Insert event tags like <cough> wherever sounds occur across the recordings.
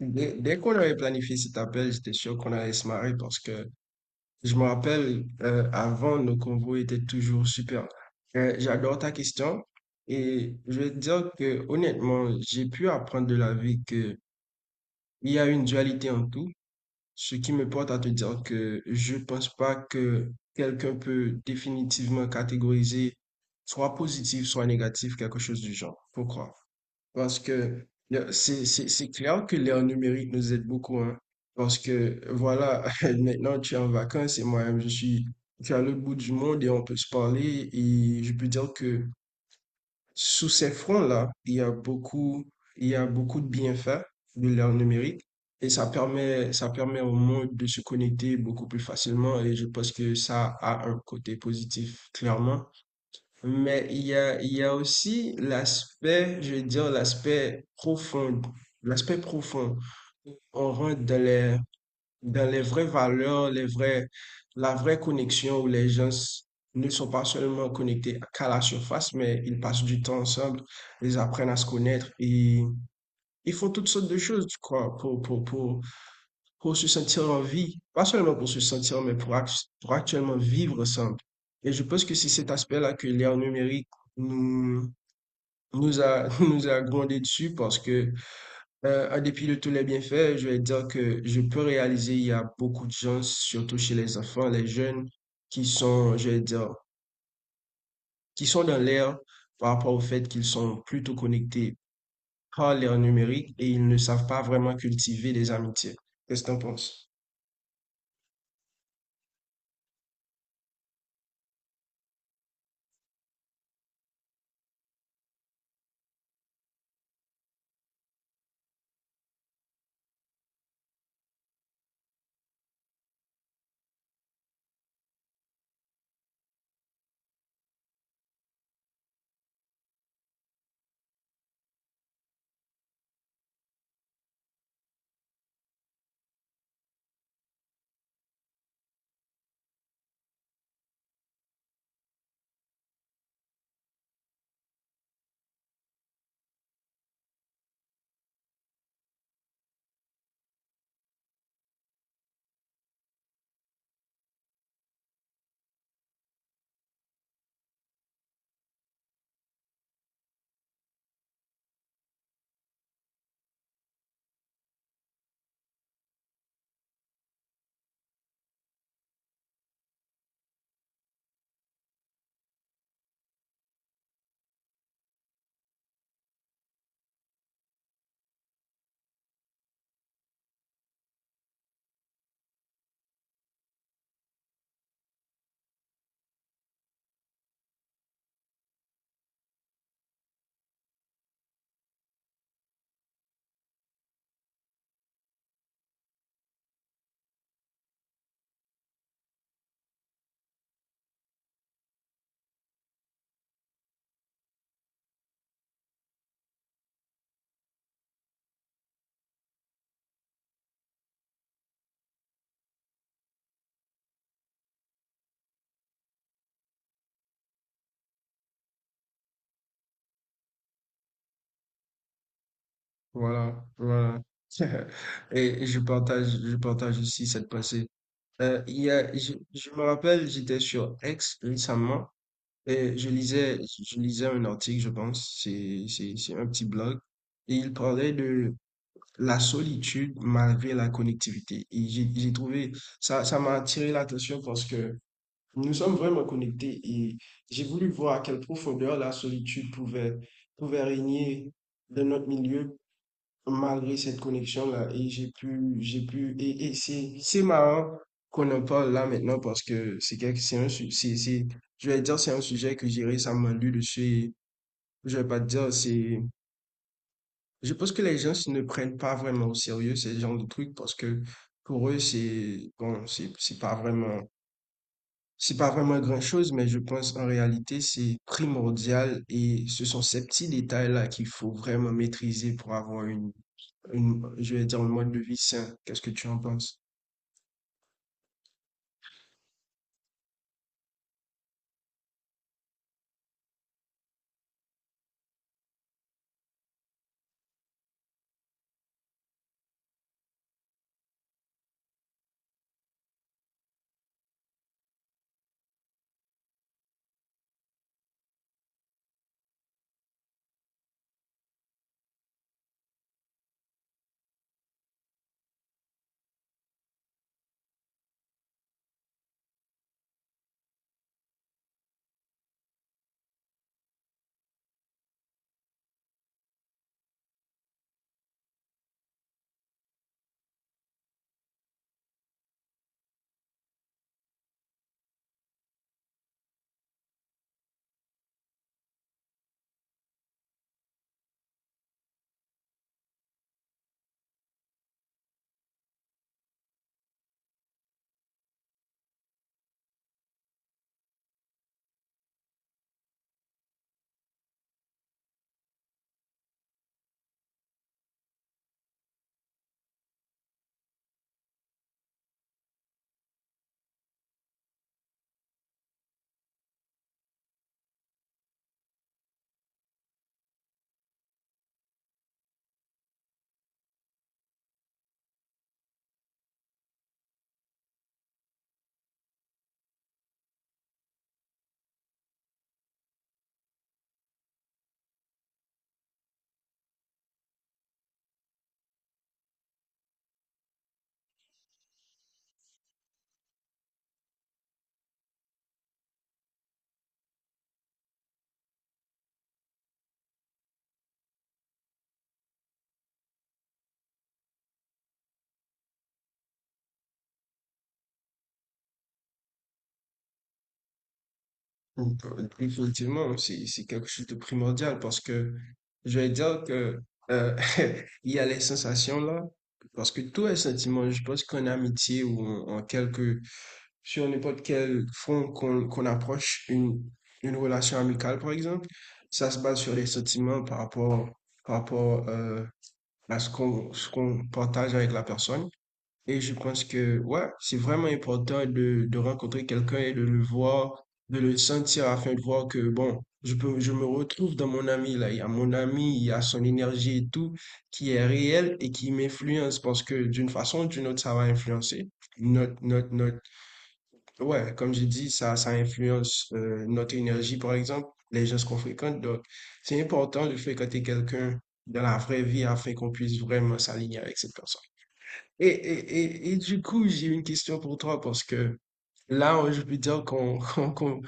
Dès qu'on avait planifié cet appel, j'étais sûr qu'on allait se marrer parce que je me rappelle, avant, nos convos étaient toujours super. J'adore ta question et je vais te dire que honnêtement, j'ai pu apprendre de la vie que il y a une dualité en tout, ce qui me porte à te dire que je pense pas que quelqu'un peut définitivement catégoriser soit positif, soit négatif, quelque chose du genre. Pourquoi? Parce que c'est clair que l'ère numérique nous aide beaucoup, hein. Parce que voilà, <laughs> maintenant tu es en vacances et moi je suis, tu es à l'autre bout du monde et on peut se parler. Et je peux dire que sous ces fronts-là, il y a beaucoup, il y a beaucoup de bienfaits de l'ère numérique. Et ça permet au monde de se connecter beaucoup plus facilement. Et je pense que ça a un côté positif, clairement. Mais il y a aussi l'aspect, je veux dire, l'aspect profond. L'aspect profond. On rentre dans les vraies valeurs, les vrais, la vraie connexion où les gens ne sont pas seulement connectés qu'à la surface, mais ils passent du temps ensemble, ils apprennent à se connaître et ils font toutes sortes de choses, quoi, pour se sentir en vie, pas seulement pour se sentir, mais pour, pour actuellement vivre ensemble. Et je pense que c'est cet aspect-là que l'ère numérique nous, nous a, <laughs> nous a grondé dessus parce que, en dépit de tous les bienfaits, je vais dire que je peux réaliser, il y a beaucoup de gens, surtout chez les enfants, les jeunes, qui sont, je vais dire, qui sont dans l'ère par rapport au fait qu'ils sont plutôt connectés par l'ère numérique et ils ne savent pas vraiment cultiver des amitiés. Qu'est-ce que tu en penses? Voilà, voilà. <laughs> Et je partage aussi cette pensée. Il y a, je me rappelle, j'étais sur X récemment et je lisais un article, je pense, c'est un petit blog, et il parlait de la solitude malgré la connectivité. Et j'ai trouvé, ça m'a attiré l'attention parce que nous sommes vraiment connectés et j'ai voulu voir à quelle profondeur la solitude pouvait, pouvait régner dans notre milieu malgré cette connexion-là, et j'ai pu, et c'est marrant qu'on en parle là maintenant parce que c'est, je vais dire, c'est un sujet que j'ai récemment lu dessus, et je vais pas te dire, c'est, je pense que les gens ne prennent pas vraiment au sérieux ce genre de trucs parce que pour eux, c'est, bon, c'est pas vraiment grand-chose, mais je pense en réalité, c'est primordial et ce sont ces petits détails-là qu'il faut vraiment maîtriser pour avoir une je vais dire, un mode de vie sain. Qu'est-ce que tu en penses? Mm. Définitivement, c'est quelque chose de primordial parce que je vais dire que euh, <laughs> il y a les sensations là, parce que tous les sentiments, je pense qu'en amitié ou en, en quelque, sur n'importe quel front qu'on approche une relation amicale par exemple, ça se base sur les sentiments par rapport à ce qu'on partage avec la personne. Et je pense que, ouais, c'est vraiment important de rencontrer quelqu'un et de le voir, de le sentir afin de voir que, bon, je peux, je me retrouve dans mon ami, là. Il y a mon ami, il y a son énergie et tout qui est réel et qui m'influence parce que d'une façon ou d'une autre, ça va influencer. Notre, notre, notre, ouais, comme j'ai dit, ça influence notre énergie, par exemple, les gens qu'on fréquente. Donc, c'est important de fréquenter quelqu'un dans la vraie vie afin qu'on puisse vraiment s'aligner avec cette personne. Et, et, et du coup, j'ai une question pour toi parce que là, je peux dire qu'on <laughs>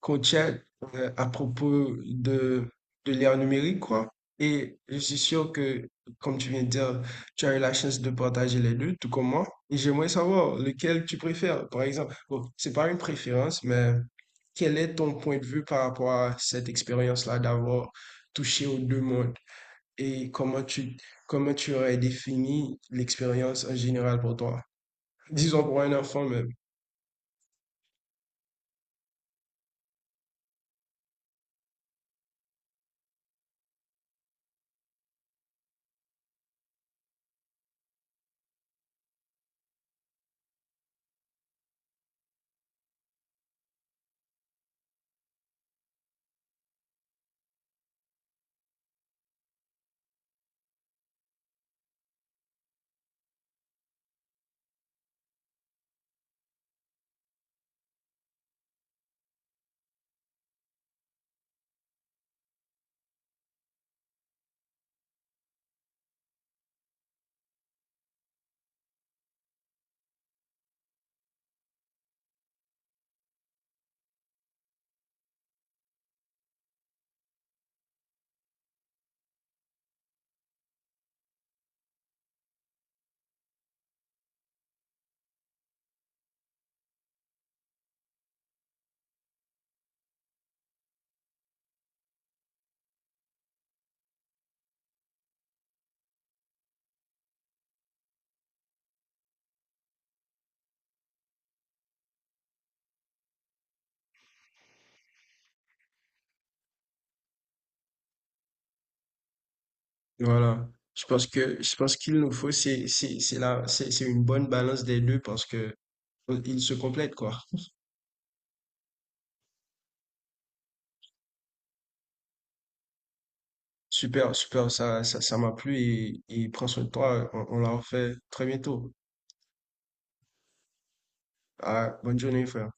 qu'on chat à propos de l'ère numérique, quoi. Et je suis sûr que, comme tu viens de dire, tu as eu la chance de partager les deux, tout comme moi. Et j'aimerais savoir lequel tu préfères, par exemple. Bon, c'est pas une préférence, mais quel est ton point de vue par rapport à cette expérience-là d'avoir touché aux deux mondes et comment tu aurais défini l'expérience en général pour toi? Disons pour un enfant même. Voilà. Je pense qu'il nous faut c'est la c'est une bonne balance des deux parce que ils se complètent quoi. Super, super, ça m'a plu et prends soin de toi, on l'a refait très bientôt. Ah, bonne journée frère.